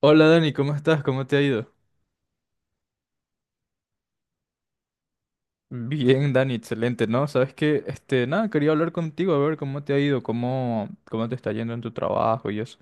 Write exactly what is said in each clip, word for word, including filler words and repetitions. Hola Dani, ¿cómo estás? ¿Cómo te ha ido? Bien, Dani, excelente, ¿no? Sabes que, este, nada, quería hablar contigo, a ver cómo te ha ido, cómo, cómo te está yendo en tu trabajo y eso.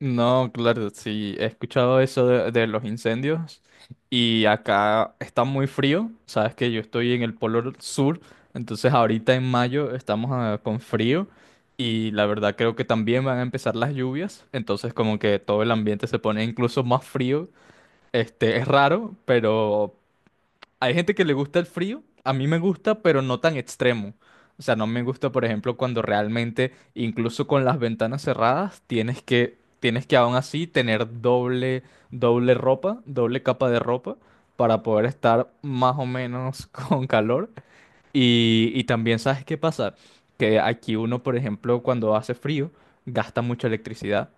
No, claro, sí, he escuchado eso de, de los incendios y acá está muy frío, sabes que yo estoy en el polo sur, entonces ahorita en mayo estamos ah, con frío, y la verdad creo que también van a empezar las lluvias, entonces como que todo el ambiente se pone incluso más frío. Este, es raro, pero hay gente que le gusta el frío, a mí me gusta, pero no tan extremo. O sea, no me gusta, por ejemplo, cuando realmente, incluso con las ventanas cerradas, tienes que, tienes que aún así tener doble, doble ropa, doble capa de ropa, para poder estar más o menos con calor. Y, y también, ¿sabes qué pasa? Que aquí uno, por ejemplo, cuando hace frío, gasta mucha electricidad.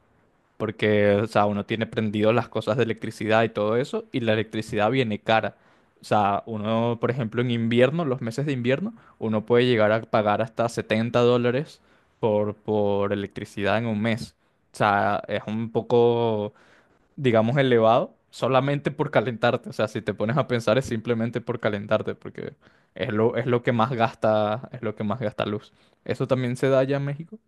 Porque, o sea, uno tiene prendido las cosas de electricidad y todo eso, y la electricidad viene cara. O sea, uno, por ejemplo, en invierno, los meses de invierno, uno puede llegar a pagar hasta setenta dólares por, por electricidad en un mes. O sea, es un poco, digamos, elevado solamente por calentarte. O sea, si te pones a pensar es simplemente por calentarte, porque es lo, es lo que más gasta, es lo que más gasta luz. ¿Eso también se da allá en México?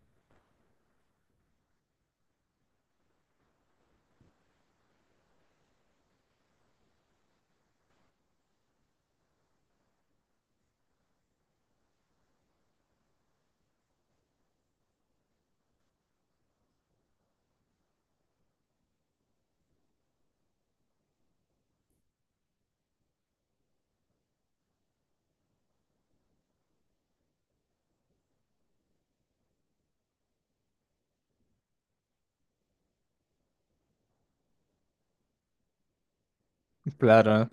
Claro.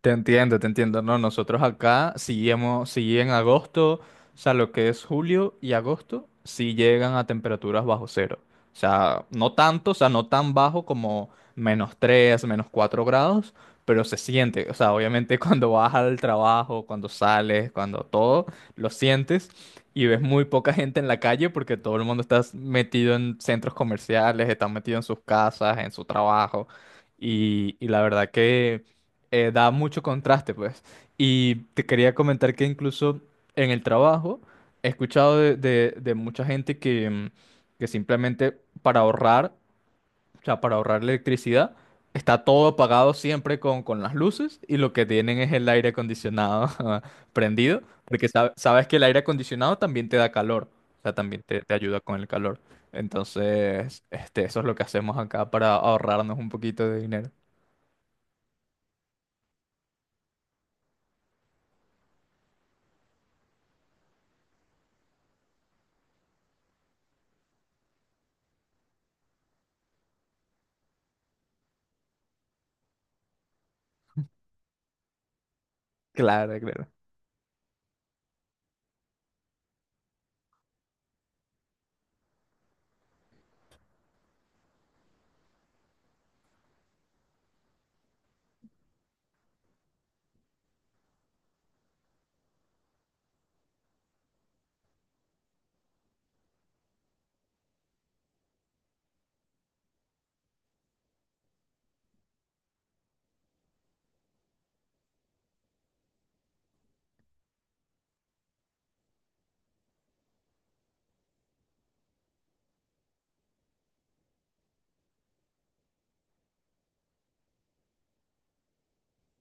Te entiendo, te entiendo. No, nosotros acá sí hemos- sí en agosto, o sea, lo que es julio y agosto, sí llegan a temperaturas bajo cero. O sea, no tanto, o sea, no tan bajo como menos tres, menos cuatro grados, pero se siente. O sea, obviamente cuando vas al trabajo, cuando sales, cuando todo, lo sientes y ves muy poca gente en la calle porque todo el mundo está metido en centros comerciales, está metido en sus casas, en su trabajo. Y, y la verdad que eh, da mucho contraste, pues. Y te quería comentar que incluso en el trabajo he escuchado de, de- de mucha gente que, mm, que simplemente para ahorrar, o sea, para ahorrar electricidad, está todo apagado siempre con, con las luces, y lo que tienen es el aire acondicionado prendido, porque sab- sabes que el aire acondicionado también te da calor, o sea, también te, te ayuda con el calor. Entonces, este, eso es lo que hacemos acá para ahorrarnos un poquito de dinero. Claro, claro.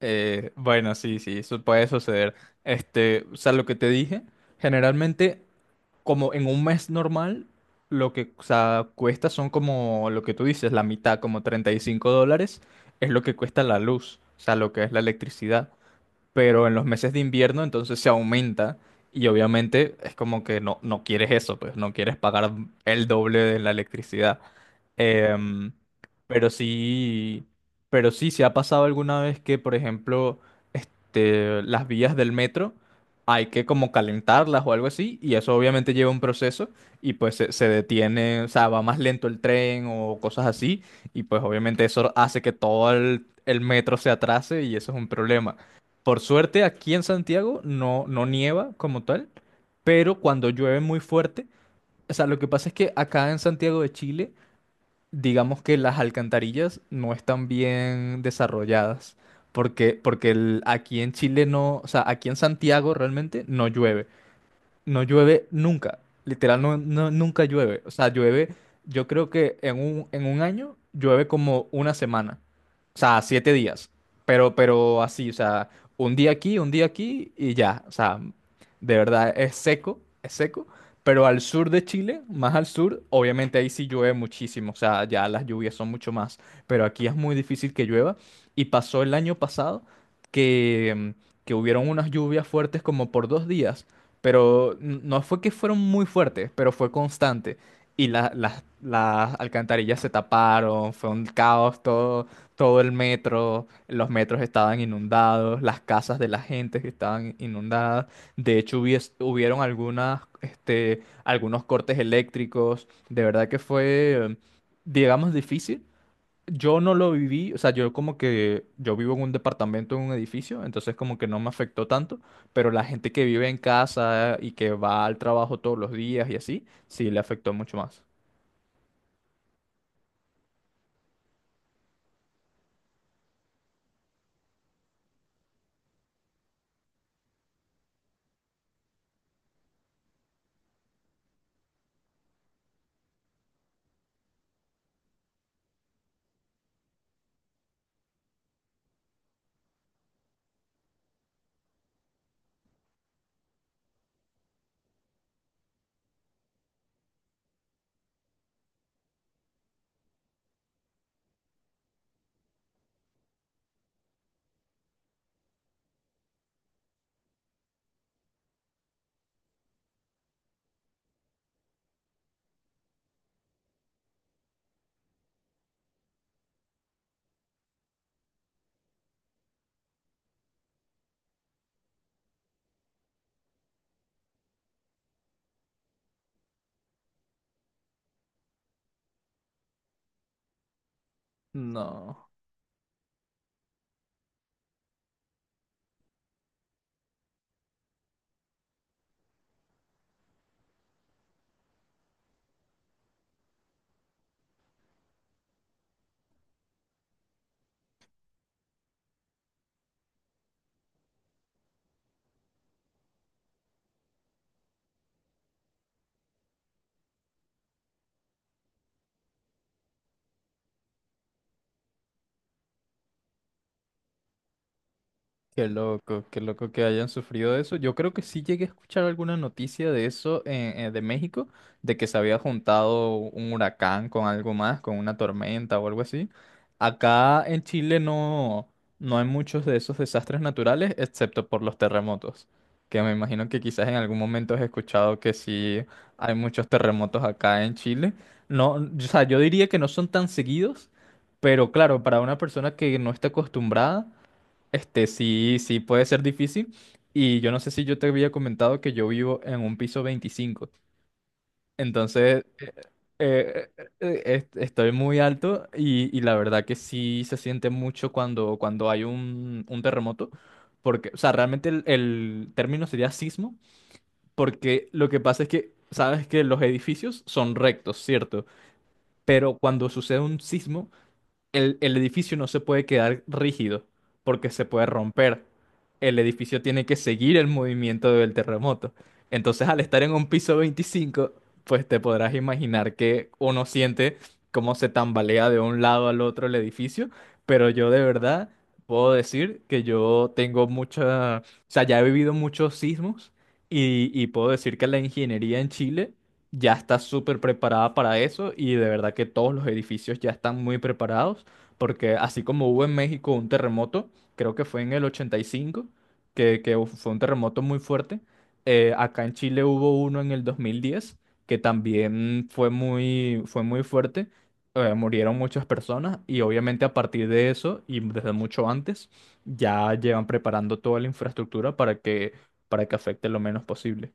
Eh, bueno, sí, sí, eso puede suceder. Este, o sea, lo que te dije, generalmente, como en un mes normal, lo que, o sea, cuesta son como lo que tú dices, la mitad, como treinta y cinco dólares, es lo que cuesta la luz, o sea, lo que es la electricidad. Pero en los meses de invierno, entonces se aumenta, y obviamente es como que no, no quieres eso, pues no quieres pagar el doble de la electricidad. Em, pero sí, pero sí, se ha pasado alguna vez que, por ejemplo, este, las vías del metro hay que como calentarlas o algo así, y eso obviamente lleva un proceso, y pues se, se detiene, o sea, va más lento el tren o cosas así, y pues obviamente eso hace que todo el, el metro se atrase y eso es un problema. Por suerte, aquí en Santiago no, no nieva como tal, pero cuando llueve muy fuerte, o sea, lo que pasa es que acá en Santiago de Chile, digamos que las alcantarillas no están bien desarrolladas, porque, porque el- aquí en Chile no, o sea, aquí en Santiago realmente no llueve. No llueve nunca, literal, no, no- nunca llueve. O sea, llueve, yo creo que en un, en un año llueve como una semana, o sea, siete días, pero, pero así, o sea, un día aquí, un día aquí y ya, o sea, de verdad es seco, es seco, pero al sur de Chile, más al sur, obviamente ahí sí llueve muchísimo, o sea, ya las lluvias son mucho más, pero aquí es muy difícil que llueva. Y pasó el año pasado que, que hubieron unas lluvias fuertes como por dos días, pero n- no fue que fueron muy fuertes, pero fue constante. Y la- las las alcantarillas se taparon, fue un caos todo, todo el metro, los metros estaban inundados, las casas de la gente que estaban inundadas. De hecho, hubies- hubieron algunas, este, algunos cortes eléctricos. De verdad que fue, digamos, difícil. Yo no lo viví, o sea, yo como que yo vivo en un departamento, en un edificio, entonces como que no me afectó tanto, pero la gente que vive en casa y que va al trabajo todos los días y así, sí le afectó mucho más. No. Qué loco, qué loco que hayan sufrido eso. Yo creo que sí llegué a escuchar alguna noticia de eso, eh, eh, de México, de que se había juntado un huracán con algo más, con una tormenta o algo así. Acá en Chile no, no hay muchos de esos desastres naturales, excepto por los terremotos, que me imagino que quizás en algún momento has escuchado que sí hay muchos terremotos acá en Chile. No, o sea, yo diría que no son tan seguidos, pero claro, para una persona que no está acostumbrada. Este sí, sí puede ser difícil. Y yo no sé si yo te había comentado que yo vivo en un piso veinticinco. Entonces, eh, eh, eh, eh, est- estoy muy alto, y, y la verdad que sí se siente mucho cuando, cuando hay un, un terremoto. Porque, o sea, realmente el, el término sería sismo, porque lo que pasa es que, sabes que los edificios son rectos, ¿cierto? Pero cuando sucede un sismo, el, el edificio no se puede quedar rígido porque se puede romper. El edificio tiene que seguir el movimiento del terremoto. Entonces, al estar en un piso veinticinco, pues te podrás imaginar que uno siente cómo se tambalea de un lado al otro el edificio, pero yo de verdad puedo decir que yo tengo mucha, o sea, ya he vivido muchos sismos, y, y puedo decir que la ingeniería en Chile ya está súper preparada para eso, y de verdad que todos los edificios ya están muy preparados. Porque así como hubo en México un terremoto, creo que fue en el ochenta y cinco, que, que hu- fue un terremoto muy fuerte. Eh, acá en Chile hubo uno en el dos mil diez, que también fue muy, fue muy fuerte. Eh, murieron muchas personas, y obviamente a partir de eso y desde mucho antes ya llevan preparando toda la infraestructura para que, para que afecte lo menos posible.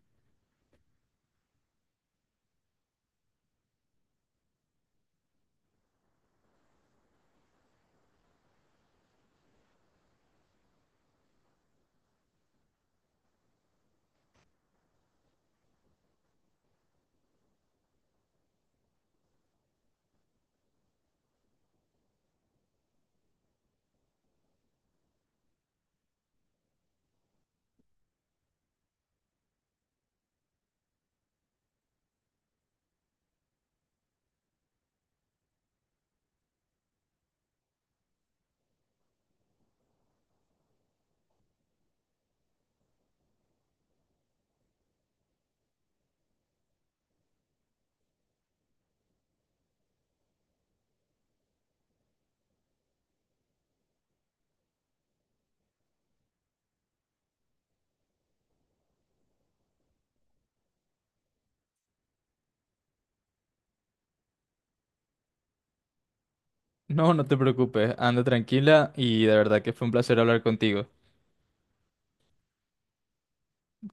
No, no te preocupes, anda tranquila y de verdad que fue un placer hablar contigo.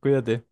Cuídate.